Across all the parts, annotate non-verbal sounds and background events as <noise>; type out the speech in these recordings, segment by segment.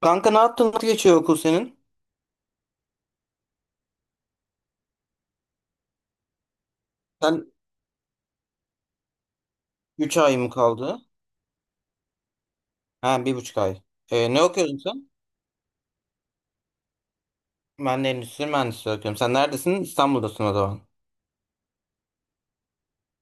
Kanka ne yaptın? Nasıl geçiyor okul senin? Sen 3 ay mı kaldı? Ha 1,5 ay. Ne okuyorsun sen? Ben de endüstri mühendisliği okuyorum. Sen neredesin? İstanbul'dasın o zaman.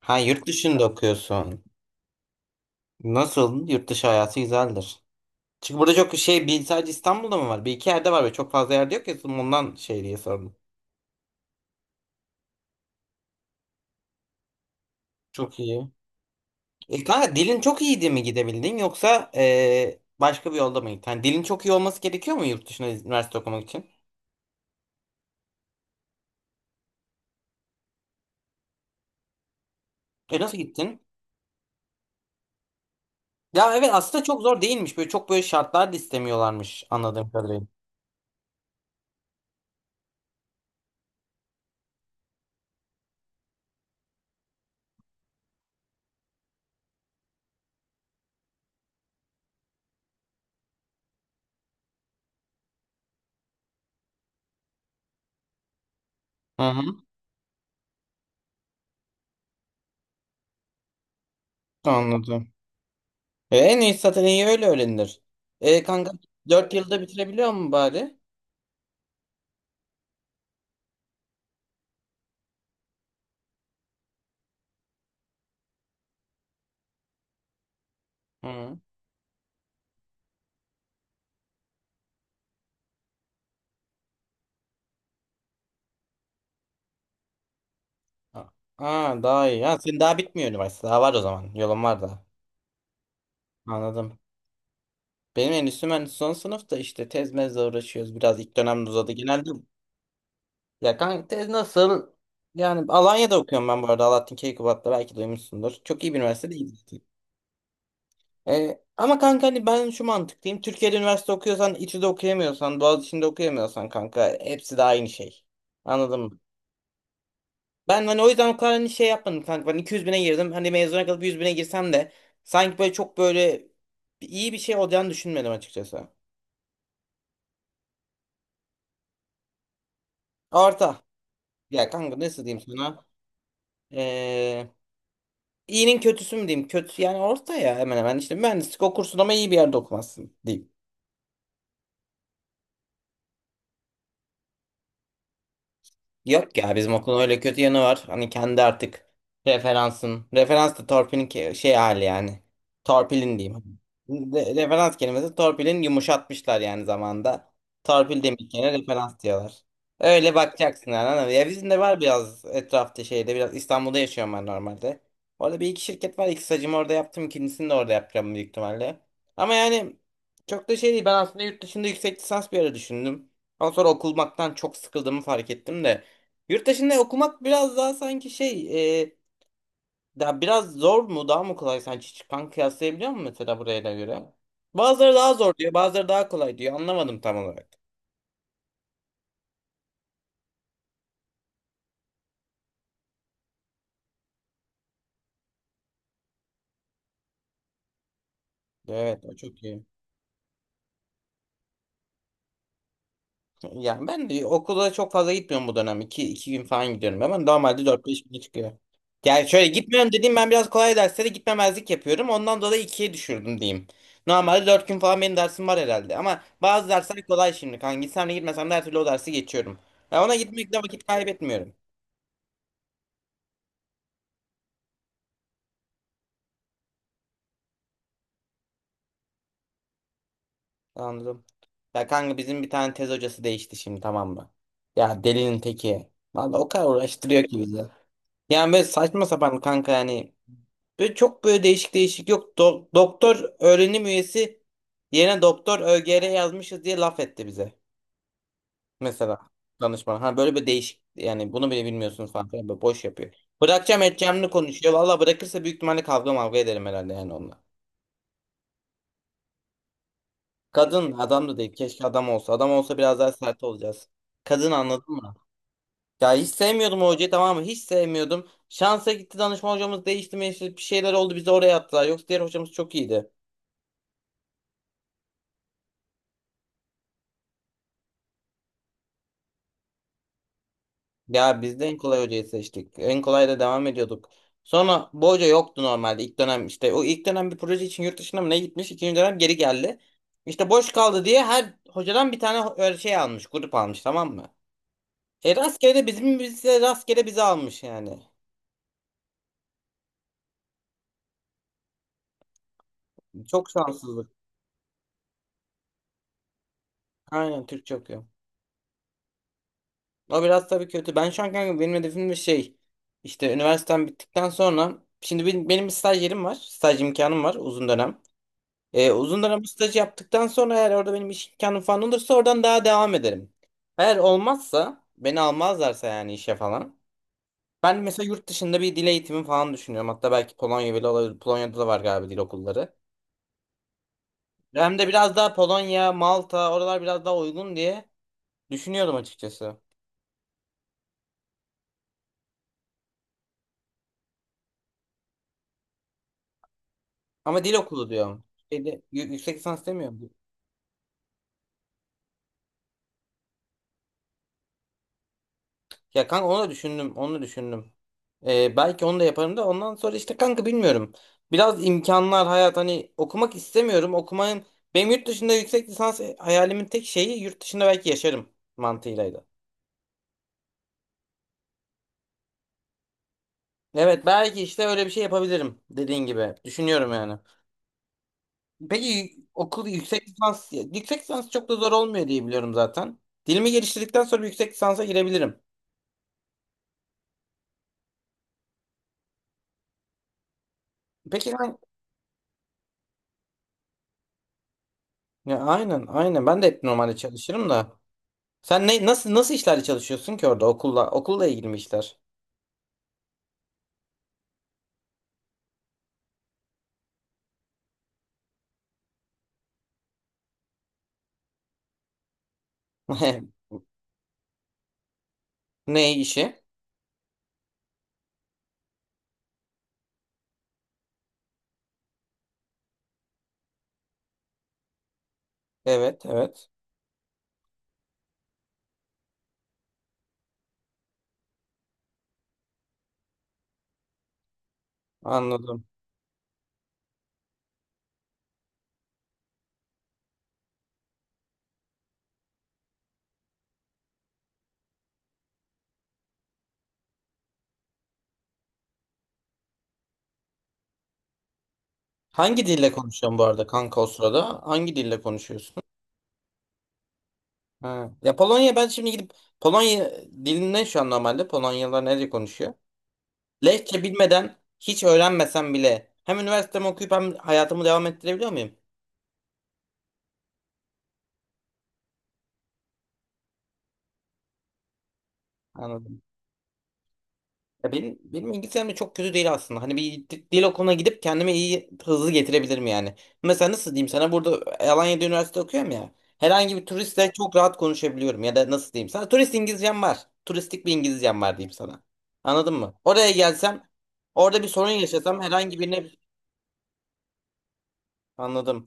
Ha yurt dışında okuyorsun. Nasıl? Yurt dışı hayatı güzeldir. Çünkü burada çok şey bir sadece İstanbul'da mı var? Bir iki yerde var ve çok fazla yerde yok ya. Ondan şey diye sordum. Çok iyi. E kanka dilin çok iyiydi mi gidebildin yoksa başka bir yolda mı gittin? Hani dilin çok iyi olması gerekiyor mu yurt dışına üniversite okumak için? Nasıl gittin? Ya evet aslında çok zor değilmiş. Böyle çok böyle şartlar da istemiyorlarmış anladığım kadarıyla. Hı hı, anladım. En iyisi zaten iyi öyle öğrenilir. Kanka 4 yılda bitirebiliyor mu bari? Hı. Aa, daha iyi. Ha, senin daha bitmiyor üniversite. Daha var o zaman. Yolun var da. Anladım. Benim endüstri mühendisliği son sınıfta işte tez mezle uğraşıyoruz. Biraz ilk dönemde uzadı. Genelde ya kanka tez nasıl? Yani Alanya'da okuyorum ben bu arada. Alaaddin Keykubat'ta belki duymuşsundur. Çok iyi bir üniversite değil. Ama kanka hani ben şu mantıktayım. Türkiye'de üniversite okuyorsan, İTÜ'de okuyamıyorsan, Boğaziçi'nde okuyamıyorsan kanka hepsi de aynı şey. Anladın mı? Ben hani o yüzden o kadar hani şey yapmadım kanka. Ben 200 bine girdim. Hani mezuna kalıp 100 bine girsem de sanki böyle çok böyle iyi bir şey olacağını düşünmedim açıkçası. Orta. Ya kanka nasıl diyeyim sana? Ee, iyinin kötüsü mü diyeyim? Kötü yani orta ya, hemen hemen. İşte mühendislik okursun ama iyi bir yerde okumazsın diyeyim. Yok ya, bizim okulun öyle kötü yanı var. Hani kendi artık referansın. Referans da torpilin şey hali yani. Torpilin diyeyim. Referans kelimesi torpilin yumuşatmışlar yani zamanda. Torpil demek yerine referans diyorlar. Öyle bakacaksın yani. Anladın mı? Ya bizim de var biraz etrafta şeyde, biraz İstanbul'da yaşıyorum ben normalde. Orada bir iki şirket var. İki stajımı orada yaptım. İkincisini de orada yapacağım büyük ihtimalle. Ama yani çok da şey değil. Ben aslında yurt dışında yüksek lisans bir ara düşündüm. Ama sonra okumaktan çok sıkıldığımı fark ettim de. Yurt dışında okumak biraz daha sanki şey daha biraz zor mu daha mı kolay, sen hiç kıyaslayabiliyor musun mesela buraya da göre? Bazıları daha zor diyor, bazıları daha kolay diyor, anlamadım tam olarak. Evet, o çok iyi. Yani ben de okula çok fazla gitmiyorum bu dönem. İki gün falan gidiyorum ama normalde dört beş güne çıkıyor. Yani şöyle gitmiyorum dediğim, ben biraz kolay derslere gitmemezlik yapıyorum. Ondan dolayı ikiye düşürdüm diyeyim. Normalde 4 gün falan benim dersim var herhalde. Ama bazı dersler kolay şimdi. Kanka gitsem de gitmesem de her türlü o dersi geçiyorum. Ya, ona gitmekle vakit kaybetmiyorum. Anladım. Ya kanka bizim bir tane tez hocası değişti şimdi, tamam mı? Ya delinin teki. Vallahi o kadar uğraştırıyor ki bizi. Yani böyle saçma sapan kanka yani. Böyle çok böyle değişik değişik yok. Doktor öğrenim üyesi yerine doktor ÖGR yazmışız diye laf etti bize. Mesela danışman. Ha böyle bir değişik yani, bunu bile bilmiyorsunuz falan filan, böyle boş yapıyor. Bırakacağım edeceğimini konuşuyor. Valla bırakırsa büyük ihtimalle kavga mavga ederim herhalde yani onunla. Kadın da, adam da değil. Keşke adam olsa. Adam olsa biraz daha sert olacağız. Kadın, anladın mı? Ya hiç sevmiyordum o hocayı, tamam mı? Hiç sevmiyordum. Şansa gitti, danışma hocamız değişti, meşhur bir şeyler oldu, bizi oraya attılar. Yoksa diğer hocamız çok iyiydi. Ya biz de en kolay hocayı seçtik. En kolay da devam ediyorduk. Sonra bu hoca yoktu normalde ilk dönem işte. O ilk dönem bir proje için yurt dışına mı ne gitmiş? İkinci dönem geri geldi. İşte boş kaldı diye her hocadan bir tane öyle şey almış. Grup almış, tamam mı? Rastgele de bizim bize rastgele bizi almış yani. Çok şanssızlık. Aynen Türkçe okuyor. O biraz tabii kötü. Ben şu an kanka benim hedefim bir şey. İşte üniversitem bittikten sonra şimdi benim bir staj yerim var. Staj imkanım var uzun dönem. Uzun dönem staj yaptıktan sonra eğer orada benim iş imkanım falan olursa oradan daha devam ederim. Eğer olmazsa, beni almazlarsa yani işe falan. Ben mesela yurt dışında bir dil eğitimi falan düşünüyorum. Hatta belki Polonya bile olabilir. Polonya'da da var galiba dil okulları. Hem de biraz daha Polonya, Malta oralar biraz daha uygun diye düşünüyordum açıkçası. Ama dil okulu diyorum. Şeyde, yüksek lisans demiyorum. Ya kanka onu da düşündüm. Onu da düşündüm. Belki onu da yaparım da ondan sonra işte kanka bilmiyorum. Biraz imkanlar hayat, hani okumak istemiyorum. Okumayın. Benim yurt dışında yüksek lisans hayalimin tek şeyi yurt dışında belki yaşarım mantığıylaydı. Evet, belki işte öyle bir şey yapabilirim dediğin gibi. Düşünüyorum yani. Peki okul, yüksek lisans çok da zor olmuyor diye biliyorum zaten. Dilimi geliştirdikten sonra bir yüksek lisansa girebilirim. Peki ben, ya aynen aynen, ben de hep normalde çalışırım da. Sen ne, nasıl işlerle çalışıyorsun ki orada okulla ilgili mi işler? <laughs> Ne işi? Evet, evet. Anladım. Hangi dille konuşuyorsun bu arada kanka o sırada? Hangi dille konuşuyorsun? Ha. Ya Polonya, ben şimdi gidip Polonya dilinde şu an normalde Polonyalılar nerede konuşuyor? Lehçe bilmeden hiç öğrenmesem bile hem üniversitemi okuyup hem hayatımı devam ettirebiliyor muyum? Anladım. Ya benim İngilizcem de çok kötü değil aslında. Hani bir dil okuluna gidip kendime iyi hızlı getirebilirim yani. Mesela nasıl diyeyim sana, burada Alanya'da üniversite okuyorum ya. Herhangi bir turistle çok rahat konuşabiliyorum, ya da nasıl diyeyim sana. Turist İngilizcem var. Turistik bir İngilizcem var diyeyim sana. Anladın mı? Oraya gelsem, orada bir sorun yaşasam herhangi birine, anladım.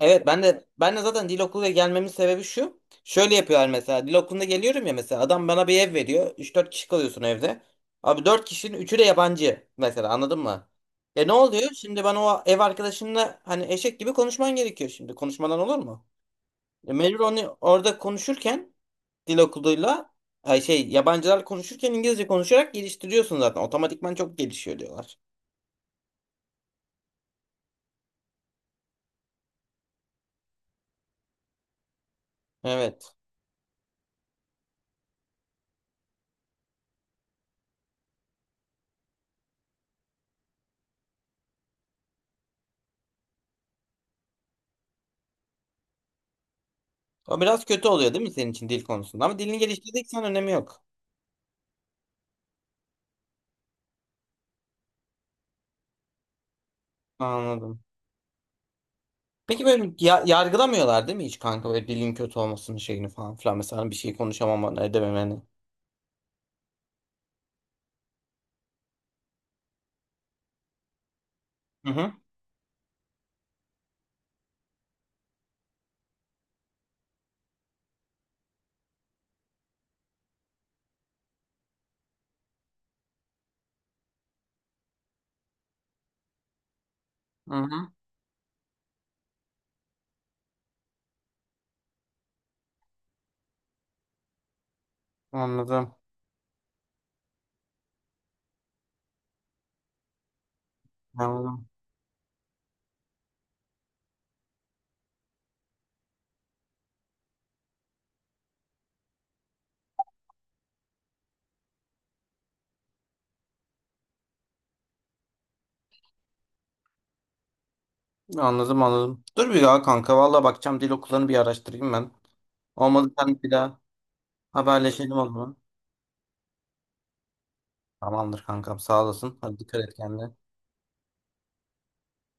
Evet, ben de zaten dil okuluna gelmemin sebebi şu. Şöyle yapıyorlar mesela, dil okuluna geliyorum ya, mesela adam bana bir ev veriyor. Üç dört kişi kalıyorsun evde. Abi 4 kişinin üçü de yabancı mesela, anladın mı? Ne oluyor? Şimdi ben o ev arkadaşımla hani eşek gibi konuşman gerekiyor şimdi. Konuşmadan olur mu? Mecbur onu orada konuşurken, dil okuluyla, ay şey, yabancılar konuşurken İngilizce konuşarak geliştiriyorsun zaten. Otomatikman çok gelişiyor diyorlar. Evet. O biraz kötü oluyor değil mi senin için, dil konusunda? Ama dilini geliştirdiksen önemi yok. Anladım. Peki böyle yargılamıyorlar değil mi hiç kanka, böyle dilin kötü olmasının şeyini falan filan, mesela bir şey konuşamamanı edememeni. Hı hı. Hı hı. Anladım. Anladım. Anladım, anladım. Dur bir daha kanka, valla bakacağım dil okullarını, bir araştırayım ben. Olmadı sen, bir daha haberleşelim o zaman. Tamamdır kankam, sağ olasın. Hadi dikkat et kendine.